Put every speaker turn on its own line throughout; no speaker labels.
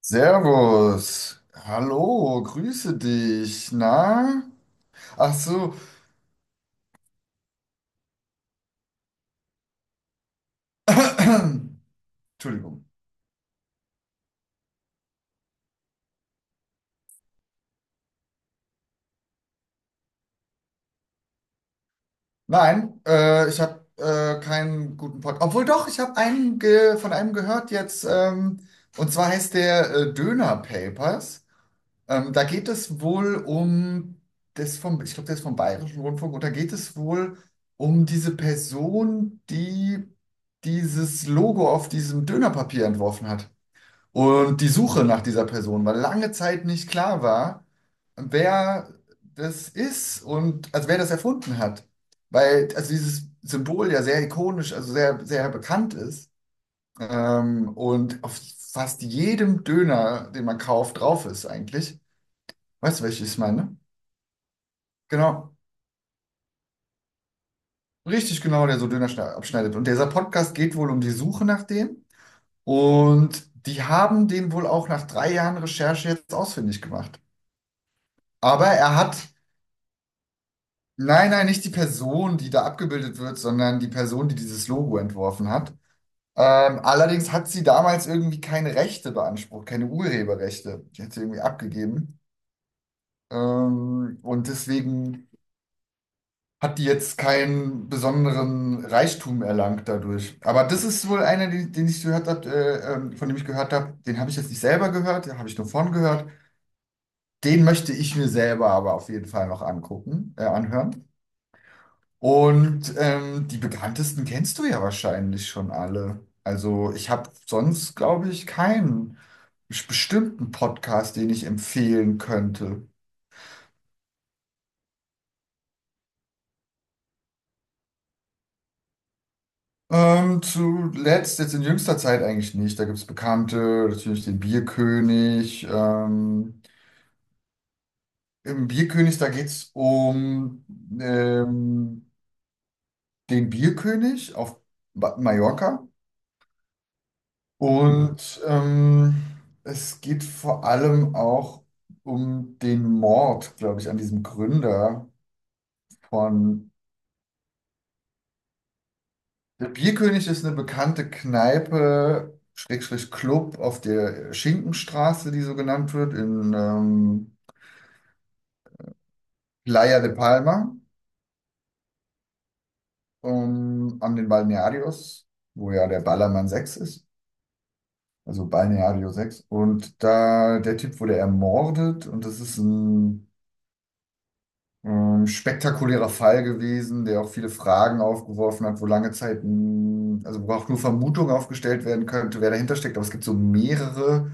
Servus, hallo, grüße dich. Na? Ach so. Entschuldigung. Nein, Ich habe keinen guten Podcast. Obwohl doch, ich habe einen ge von einem gehört jetzt. Und zwar heißt der Döner Papers. Da geht es wohl um das vom, ich glaube, das ist vom Bayerischen Rundfunk. Und da geht es wohl um diese Person, die dieses Logo auf diesem Dönerpapier entworfen hat. Und die Suche nach dieser Person, weil lange Zeit nicht klar war, wer das ist und also wer das erfunden hat. Weil also dieses Symbol ja sehr ikonisch, also sehr, sehr bekannt ist und auf fast jedem Döner, den man kauft, drauf ist eigentlich. Weißt du, welches ich meine? Genau, richtig genau, der so abschneidet. Und dieser Podcast geht wohl um die Suche nach dem. Und die haben den wohl auch nach 3 Jahren Recherche jetzt ausfindig gemacht. Aber er hat nein, nein, nicht die Person, die da abgebildet wird, sondern die Person, die dieses Logo entworfen hat. Allerdings hat sie damals irgendwie keine Rechte beansprucht, keine Urheberrechte. Die hat sie irgendwie abgegeben. Und deswegen hat die jetzt keinen besonderen Reichtum erlangt dadurch. Aber das ist wohl einer, den, den ich gehört habe, von dem ich gehört habe. Den habe ich jetzt nicht selber gehört, den habe ich nur von gehört. Den möchte ich mir selber aber auf jeden Fall noch angucken, anhören. Und die bekanntesten kennst du ja wahrscheinlich schon alle. Also ich habe sonst, glaube ich, keinen bestimmten Podcast, den ich empfehlen könnte. Zuletzt, jetzt in jüngster Zeit eigentlich nicht. Da gibt es Bekannte, natürlich den Bierkönig. Im Bierkönig, da geht es um ähm, den Bierkönig auf Mallorca. Und es geht vor allem auch um den Mord, glaube ich, an diesem Gründer von. Der Bierkönig ist eine bekannte Kneipe, Schrägstrich Club auf der Schinkenstraße, die so genannt wird, in Playa de Palma, um, an den Balnearios, wo ja der Ballermann 6 ist. Also Balneario 6. Und da, der Typ wurde ermordet und das ist ein spektakulärer Fall gewesen, der auch viele Fragen aufgeworfen hat, wo lange Zeit, mh, also wo auch nur Vermutungen aufgestellt werden könnte, wer dahinter steckt. Aber es gibt so mehrere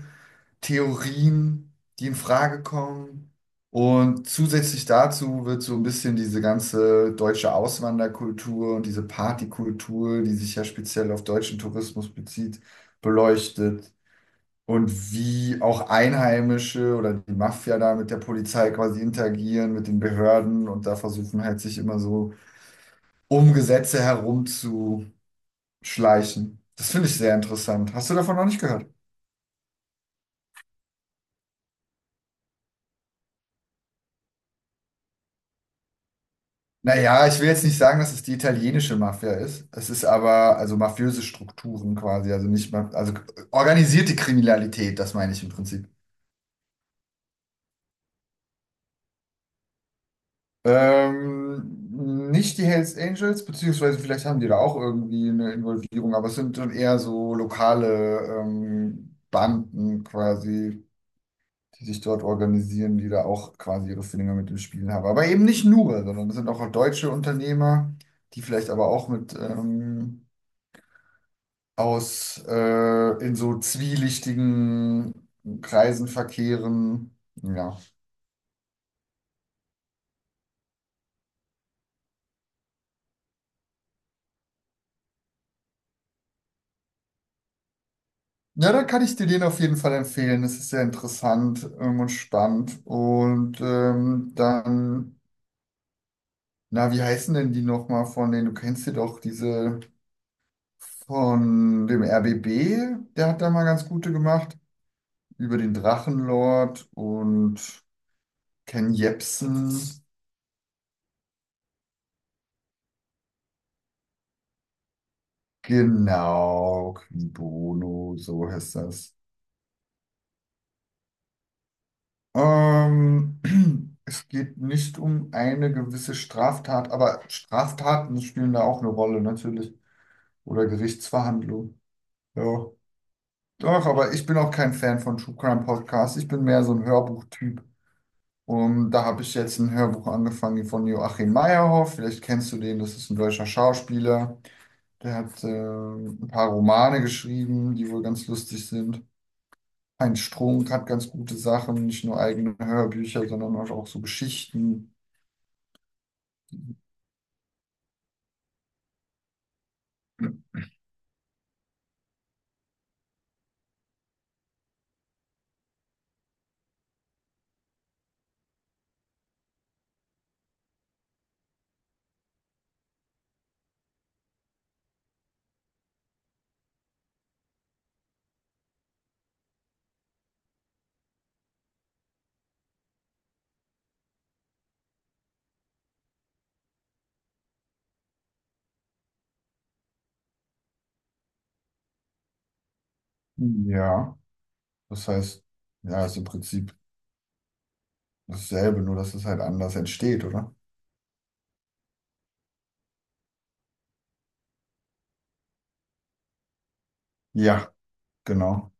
Theorien, die in Frage kommen. Und zusätzlich dazu wird so ein bisschen diese ganze deutsche Auswanderkultur und diese Partykultur, die sich ja speziell auf deutschen Tourismus bezieht, beleuchtet. Und wie auch Einheimische oder die Mafia da mit der Polizei quasi interagieren, mit den Behörden und da versuchen halt sich immer so um Gesetze herumzuschleichen. Das finde ich sehr interessant. Hast du davon noch nicht gehört? Naja, ich will jetzt nicht sagen, dass es die italienische Mafia ist. Es ist aber also mafiöse Strukturen quasi, also nicht mal, also organisierte Kriminalität, das meine ich im Prinzip. Nicht die Hells Angels, beziehungsweise vielleicht haben die da auch irgendwie eine Involvierung, aber es sind dann eher so lokale Banden quasi, die sich dort organisieren, die da auch quasi ihre Finger mit dem Spiel haben. Aber eben nicht nur, sondern es sind auch deutsche Unternehmer, die vielleicht aber auch mit aus in so zwielichtigen Kreisen verkehren. Ja. Ja, da kann ich dir den auf jeden Fall empfehlen. Das ist sehr interessant und spannend. Und dann, na, wie heißen denn die nochmal von denen? Du kennst sie doch, diese von dem RBB, der hat da mal ganz gute gemacht. Über den Drachenlord und Ken Jebsen. Genau, Cui Bono, so heißt das. Ähm, Es geht nicht um eine gewisse Straftat, aber Straftaten spielen da auch eine Rolle, natürlich. Oder Gerichtsverhandlung. Ja. Doch, aber ich bin auch kein Fan von True Crime Podcasts. Ich bin mehr so ein Hörbuchtyp. Und da habe ich jetzt ein Hörbuch angefangen von Joachim Meyerhoff. Vielleicht kennst du den, das ist ein deutscher Schauspieler. Der hat ein paar Romane geschrieben, die wohl ganz lustig sind. Heinz Strunk hat ganz gute Sachen, nicht nur eigene Hörbücher, sondern auch so Geschichten. Ja, das heißt, ja, ist im Prinzip dasselbe, nur dass es halt anders entsteht, oder? Ja, genau.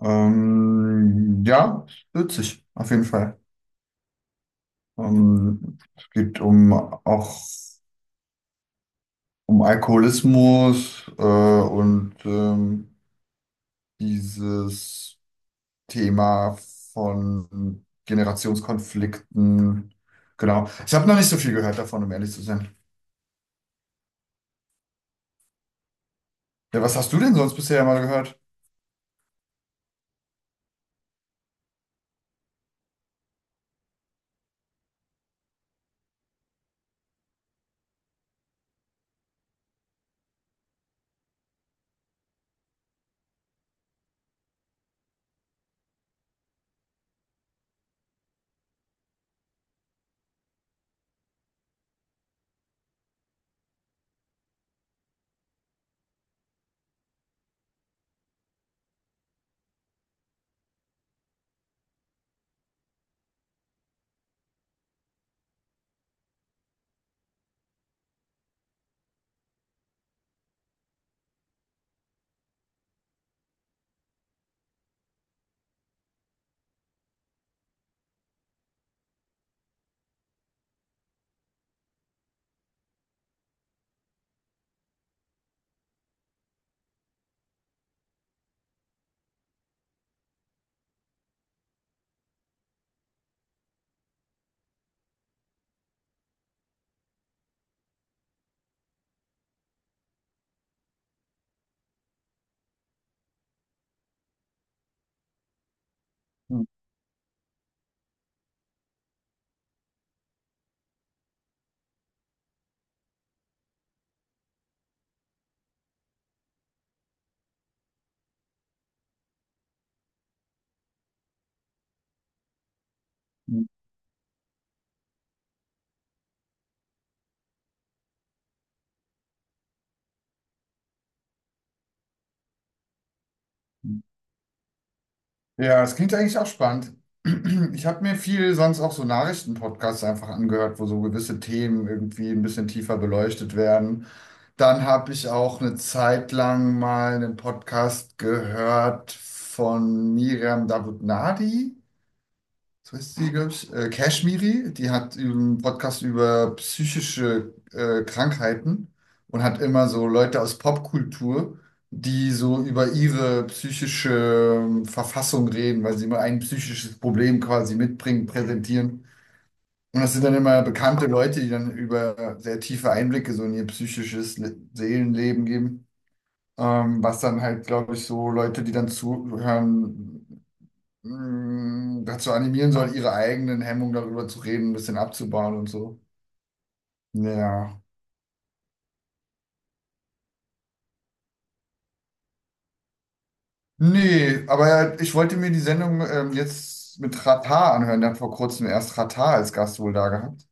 Ja, witzig, auf jeden Fall. Es geht um auch um Alkoholismus und dieses Thema von Generationskonflikten. Genau. Ich habe noch nicht so viel gehört davon, um ehrlich zu sein. Ja, was hast du denn sonst bisher mal gehört? Ja, das klingt eigentlich auch spannend. Ich habe mir viel sonst auch so Nachrichtenpodcasts einfach angehört, wo so gewisse Themen irgendwie ein bisschen tiefer beleuchtet werden. Dann habe ich auch eine Zeit lang mal einen Podcast gehört von Miriam Davutnadi, so ist sie glaube ich, Kashmiri, die hat einen Podcast über psychische Krankheiten und hat immer so Leute aus Popkultur, die so über ihre psychische Verfassung reden, weil sie immer ein psychisches Problem quasi mitbringen, präsentieren. Und das sind dann immer bekannte Leute, die dann über sehr tiefe Einblicke so in ihr psychisches Le Seelenleben geben. Was dann halt, glaube ich, so Leute, die dann zuhören, mh, dazu animieren soll, ihre eigenen Hemmungen darüber zu reden, ein bisschen abzubauen und so. Ja. Nee, aber ja, ich wollte mir die Sendung jetzt mit Ratar anhören. Der hat vor kurzem erst Ratar als Gast wohl da gehabt.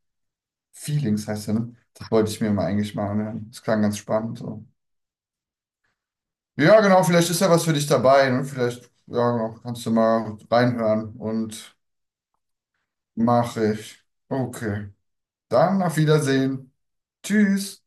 Feelings heißt der, ne? Das wollte ich mir mal eigentlich mal anhören. Das klang ganz spannend. So. Ja, genau, vielleicht ist ja was für dich dabei. Ne? Vielleicht, ja, genau, kannst du mal reinhören und mache ich. Okay. Dann auf Wiedersehen. Tschüss.